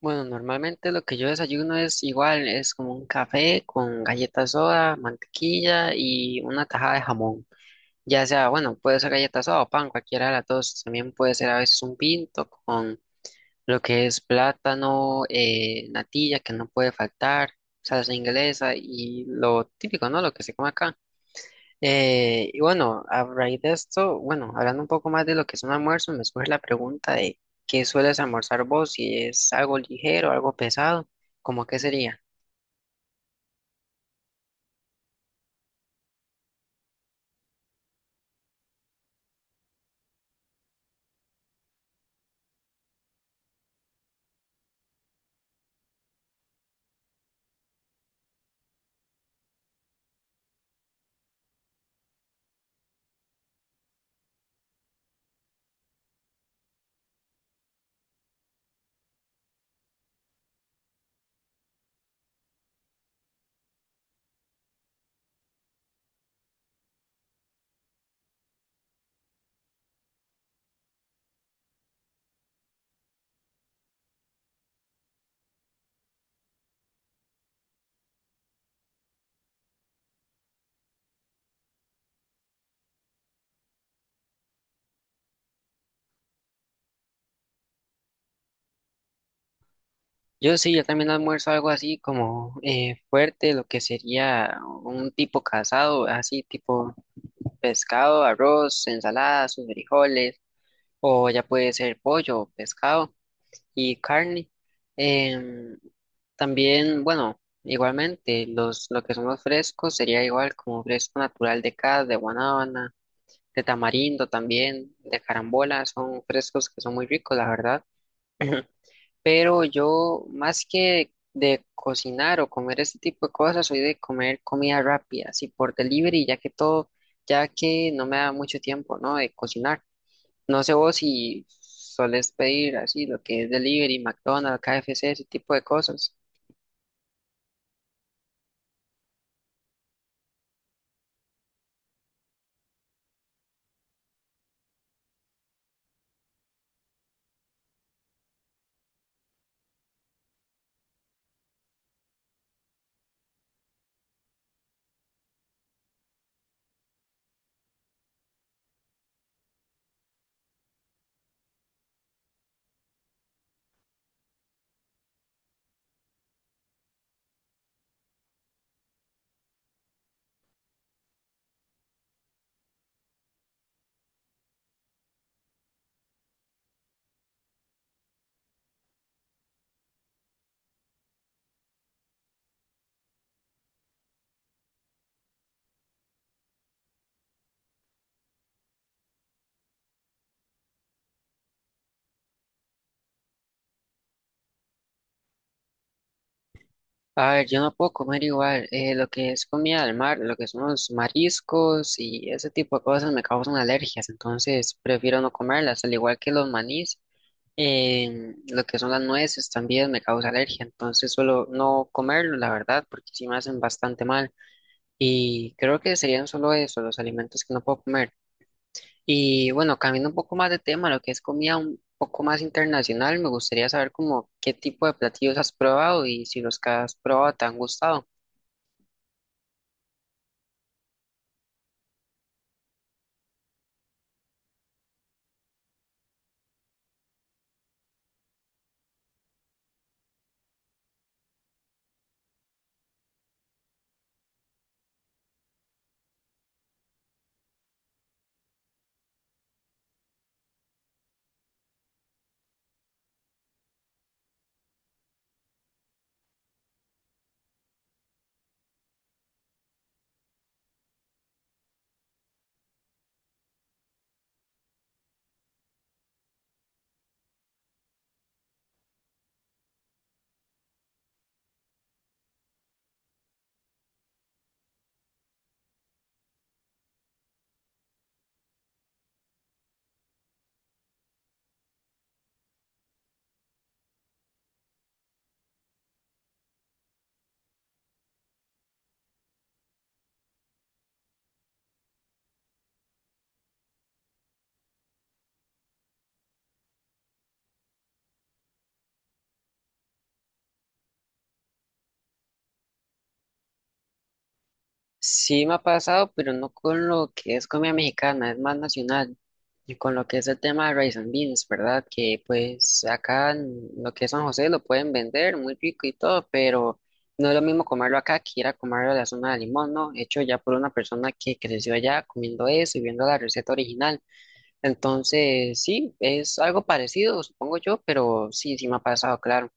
Bueno, normalmente lo que yo desayuno es igual, es como un café con galleta soda, mantequilla y una tajada de jamón. Ya sea, bueno, puede ser galleta soda o pan, cualquiera de las dos. También puede ser a veces un pinto con lo que es plátano, natilla, que no puede faltar, salsa inglesa y lo típico, ¿no? Lo que se come acá. Y bueno, a raíz de esto, bueno, hablando un poco más de lo que es un almuerzo, me surge la pregunta de ¿qué sueles almorzar vos? Si es algo ligero, algo pesado, ¿cómo qué sería? Yo sí, yo también almuerzo algo así como fuerte, lo que sería un tipo casado, así tipo pescado, arroz, ensalada, sus frijoles, o ya puede ser pollo, o pescado. Y carne. Em, También, bueno, igualmente, lo que son los frescos sería igual como fresco natural de cas, de guanábana, de tamarindo también, de carambola, son frescos que son muy ricos, la verdad. Pero yo, más que de cocinar o comer ese tipo de cosas, soy de comer comida rápida, así por delivery, ya que no me da mucho tiempo, ¿no? De cocinar. No sé vos si solés pedir así lo que es delivery, McDonald's, KFC, ese tipo de cosas. A ver, yo no puedo comer igual. Lo que es comida del mar, lo que son los mariscos y ese tipo de cosas me causan alergias, entonces prefiero no comerlas, al igual que los manís. Lo que son las nueces también me causa alergia, entonces suelo no comerlo, la verdad, porque sí me hacen bastante mal. Y creo que serían solo eso, los alimentos que no puedo comer. Y bueno, cambiando un poco más de tema, lo que es comida un poco más internacional, me gustaría saber como qué tipo de platillos has probado y si los que has probado te han gustado. Sí me ha pasado, pero no con lo que es comida mexicana, es más nacional. Y con lo que es el tema de rice and beans, ¿verdad? Que pues acá en lo que es San José lo pueden vender muy rico y todo, pero no es lo mismo comerlo acá que ir a comerlo a la zona de Limón, ¿no? Hecho ya por una persona que creció allá comiendo eso y viendo la receta original. Entonces, sí, es algo parecido, supongo yo, pero sí, sí me ha pasado, claro.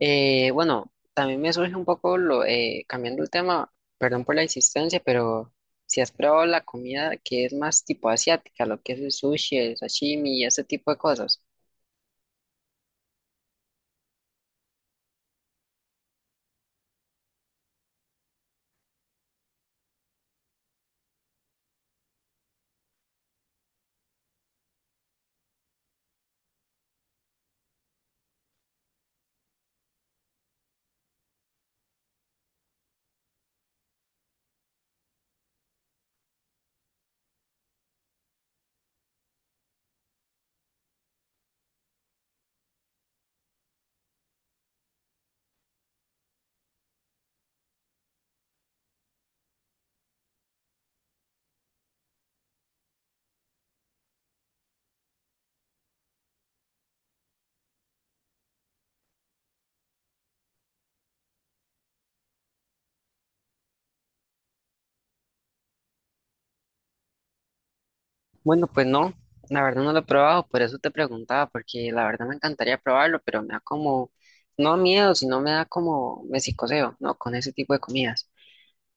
Bueno, también me surge un poco lo, cambiando el tema, perdón por la insistencia, pero si has probado la comida que es más tipo asiática, lo que es el sushi, el sashimi y ese tipo de cosas. Bueno, pues no, la verdad no lo he probado, por eso te preguntaba, porque la verdad me encantaría probarlo, pero me da como, no miedo, sino me da como, me psicoseo, ¿no? Con ese tipo de comidas.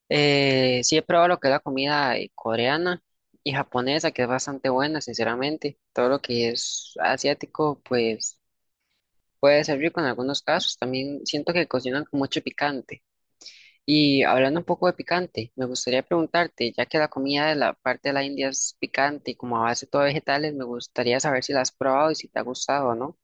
Sí he probado lo que es la comida coreana y japonesa, que es bastante buena, sinceramente. Todo lo que es asiático, pues puede ser rico en algunos casos. También siento que cocinan con mucho picante. Y hablando un poco de picante, me gustaría preguntarte, ya que la comida de la parte de la India es picante y como a base todo vegetales, me gustaría saber si la has probado y si te ha gustado o no.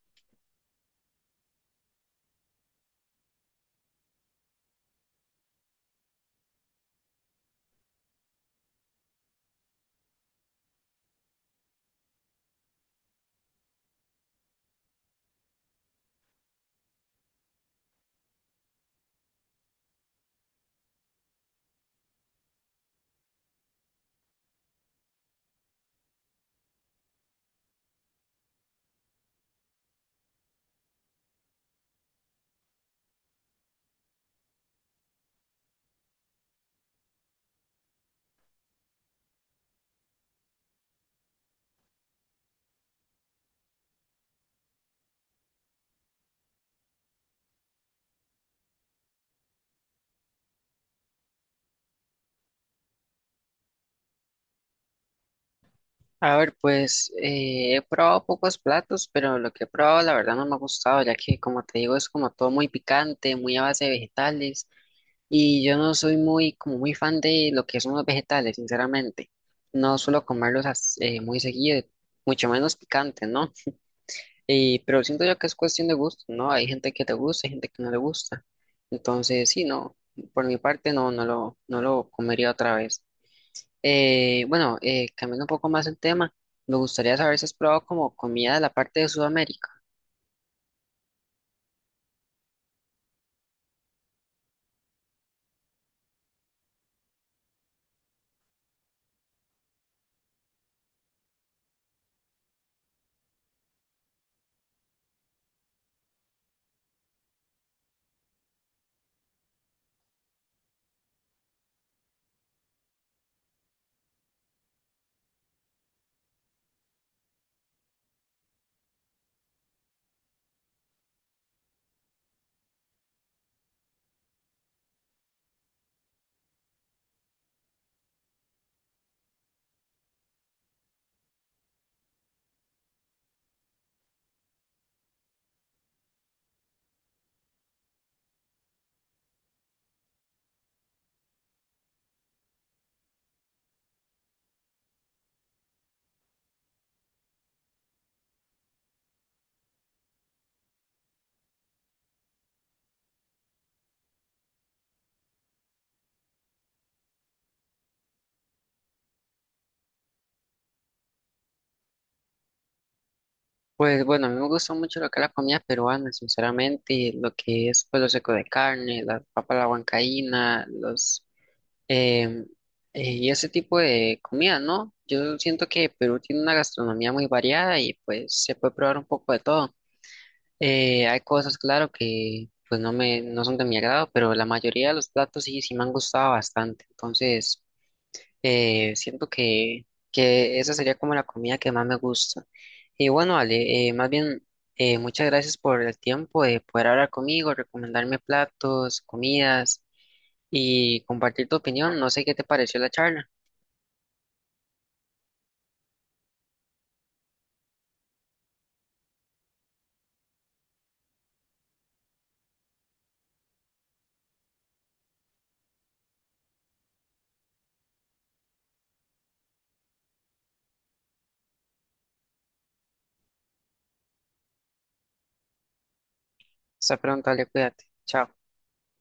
A ver, pues he probado pocos platos, pero lo que he probado la verdad no me ha gustado, ya que como te digo es como todo muy picante, muy a base de vegetales y yo no soy muy como muy fan de lo que son los vegetales, sinceramente. No suelo comerlos muy seguido, mucho menos picante, ¿no? Y, pero siento yo que es cuestión de gusto, ¿no? Hay gente que te gusta, hay gente que no le gusta. Entonces, sí, no, por mi parte no, no lo comería otra vez. Bueno, cambiando un poco más el tema, me gustaría saber si has probado como comida de la parte de Sudamérica. Pues bueno, a mí me gusta mucho lo que es la comida peruana, sinceramente, lo que es pues, lo seco de carne, la papa a la huancaína, los em, y ese tipo de comida, ¿no? Yo siento que Perú tiene una gastronomía muy variada y pues se puede probar un poco de todo. Hay cosas, claro, que pues no son de mi agrado, pero la mayoría de los platos sí, sí me han gustado bastante. Entonces Eh, siento que, que esa sería como la comida que más me gusta. Y bueno, Ale, más bien, muchas gracias por el tiempo de poder hablar conmigo, recomendarme platos, comidas y compartir tu opinión. No sé qué te pareció la charla. Hasta pronto, Ale, cuídate. Chao.